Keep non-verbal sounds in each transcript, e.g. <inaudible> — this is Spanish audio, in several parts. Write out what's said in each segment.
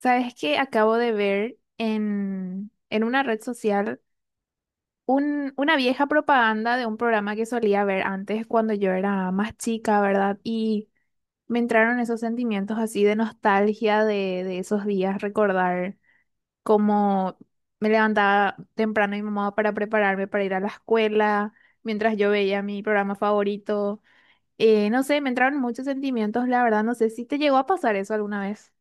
Sabes que acabo de ver en una red social una vieja propaganda de un programa que solía ver antes cuando yo era más chica, ¿verdad? Y me entraron esos sentimientos así de nostalgia de esos días, recordar cómo me levantaba temprano mi mamá para prepararme para ir a la escuela, mientras yo veía mi programa favorito. No sé, me entraron muchos sentimientos, la verdad, no sé si te llegó a pasar eso alguna vez.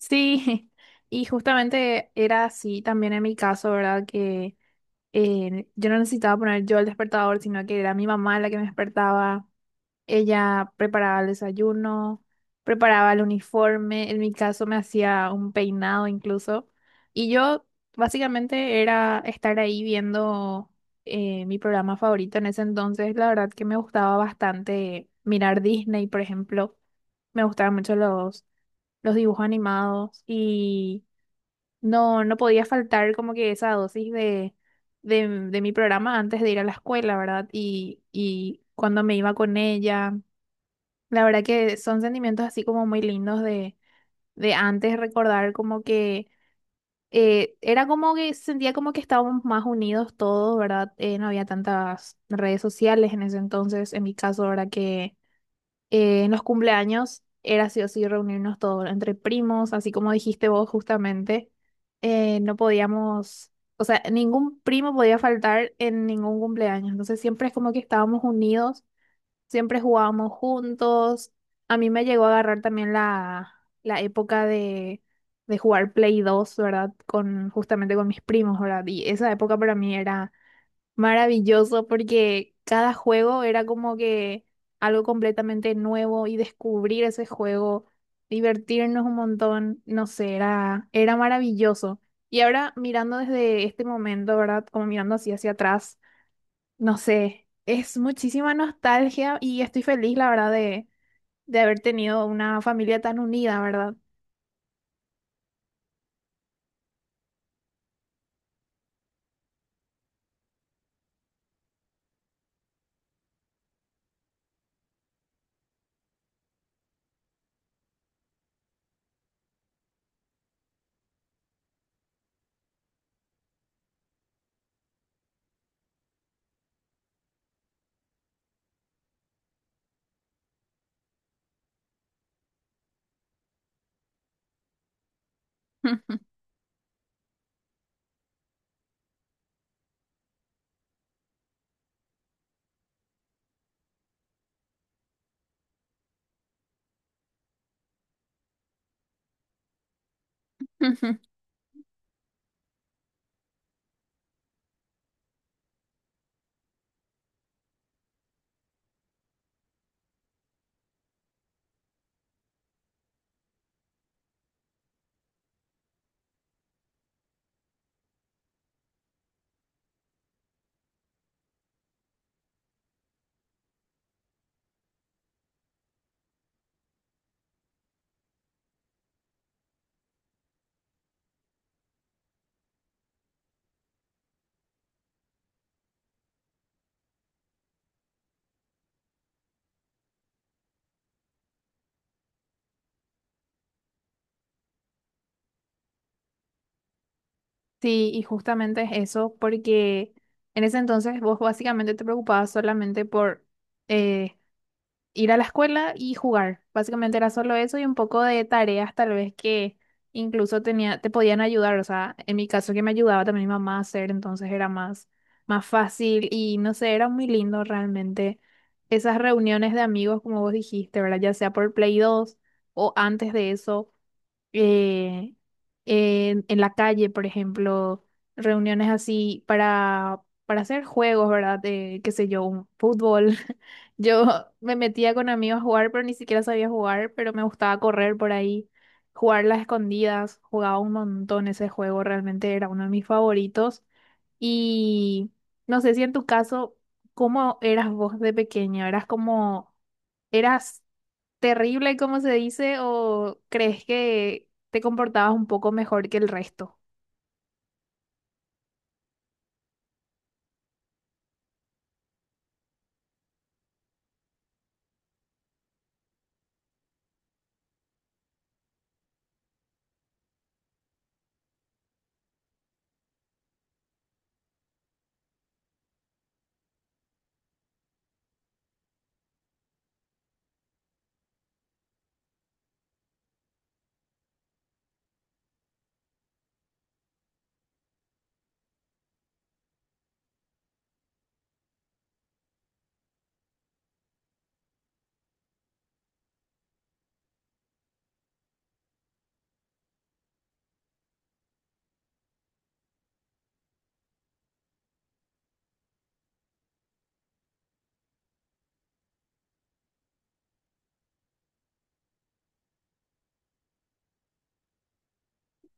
Sí, <laughs> y justamente era así también en mi caso, ¿verdad? Que yo no necesitaba poner yo el despertador, sino que era mi mamá la que me despertaba. Ella preparaba el desayuno, preparaba el uniforme, en mi caso me hacía un peinado incluso. Y yo básicamente era estar ahí viendo mi programa favorito en ese entonces. La verdad que me gustaba bastante mirar Disney, por ejemplo. Me gustaban mucho los dibujos animados y no podía faltar como que esa dosis de mi programa antes de ir a la escuela, ¿verdad? Y cuando me iba con ella, la verdad que son sentimientos así como muy lindos de antes recordar como que era como que sentía como que estábamos más unidos todos, ¿verdad? No había tantas redes sociales en ese entonces, en mi caso, ¿verdad? Que en los cumpleaños era sí o sí reunirnos todos entre primos, así como dijiste vos justamente. No podíamos, o sea, ningún primo podía faltar en ningún cumpleaños. Entonces siempre es como que estábamos unidos, siempre jugábamos juntos. A mí me llegó a agarrar también la época de jugar Play 2, ¿verdad? Con, justamente con mis primos, ¿verdad? Y esa época para mí era maravilloso porque cada juego era como que algo completamente nuevo y descubrir ese juego, divertirnos un montón, no sé, era maravilloso. Y ahora mirando desde este momento, ¿verdad? Como mirando así hacia atrás, no sé, es muchísima nostalgia y estoy feliz, la verdad, de haber tenido una familia tan unida, ¿verdad? <laughs> Sí, y justamente es eso, porque en ese entonces vos básicamente te preocupabas solamente por eh, ir a la escuela y jugar. Básicamente era solo eso y un poco de tareas tal vez que incluso tenía, te podían ayudar. O sea, en mi caso que me ayudaba también mi mamá a hacer, entonces era más fácil y no sé, era muy lindo realmente esas reuniones de amigos, como vos dijiste, ¿verdad? Ya sea por Play 2 o antes de eso, eh, en la calle, por ejemplo, reuniones así para hacer juegos, ¿verdad? De, qué sé yo, un fútbol. <laughs> Yo me metía con amigos a jugar, pero ni siquiera sabía jugar, pero me gustaba correr por ahí, jugar las escondidas, jugaba un montón ese juego, realmente era uno de mis favoritos. Y no sé si en tu caso, ¿cómo eras vos de pequeña? ¿Eras como... ¿Eras terrible, como se dice, o crees que te comportabas un poco mejor que el resto?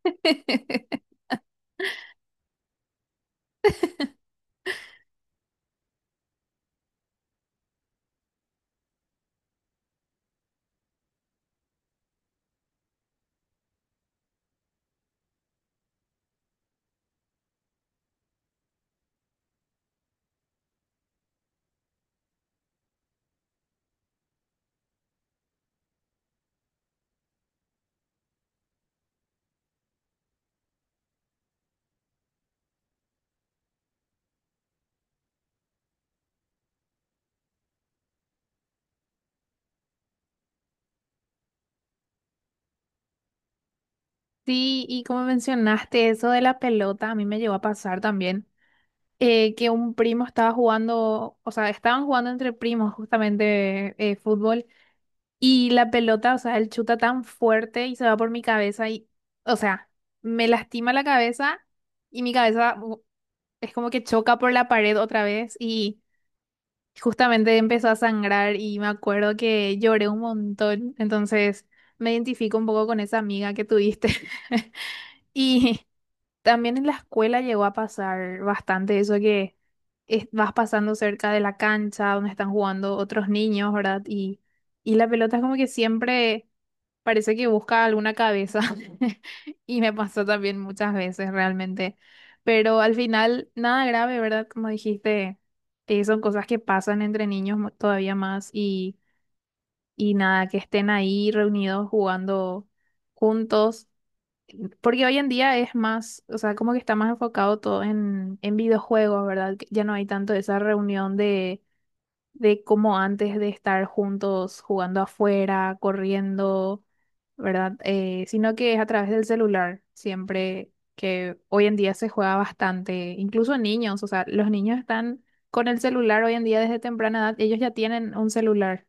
<laughs> Sí, y como mencionaste eso de la pelota, a mí me llegó a pasar también, que un primo estaba jugando, o sea, estaban jugando entre primos justamente fútbol y la pelota, o sea, él chuta tan fuerte y se va por mi cabeza y, o sea, me lastima la cabeza y mi es como que choca por la pared otra vez y justamente empezó a sangrar y me acuerdo que lloré un montón, entonces me identifico un poco con esa amiga que tuviste. <laughs> Y también en la escuela llegó a pasar bastante eso que vas pasando cerca de la cancha donde están jugando otros niños, ¿verdad? Y la pelota es como que siempre parece que busca alguna cabeza. <laughs> Y me pasó también muchas veces realmente. Pero al final, nada grave, ¿verdad? Como dijiste, son cosas que pasan entre niños todavía más y nada, que estén ahí reunidos jugando juntos. Porque hoy en día es más, o sea, como que está más enfocado todo en videojuegos, ¿verdad? Que ya no hay tanto esa reunión de cómo antes de estar juntos jugando afuera, corriendo, ¿verdad? Sino que es a través del celular, siempre que hoy en día se juega bastante, incluso niños, o sea, los niños están con el celular hoy en día desde temprana edad, ellos ya tienen un celular.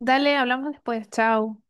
Dale, hablamos después, chao.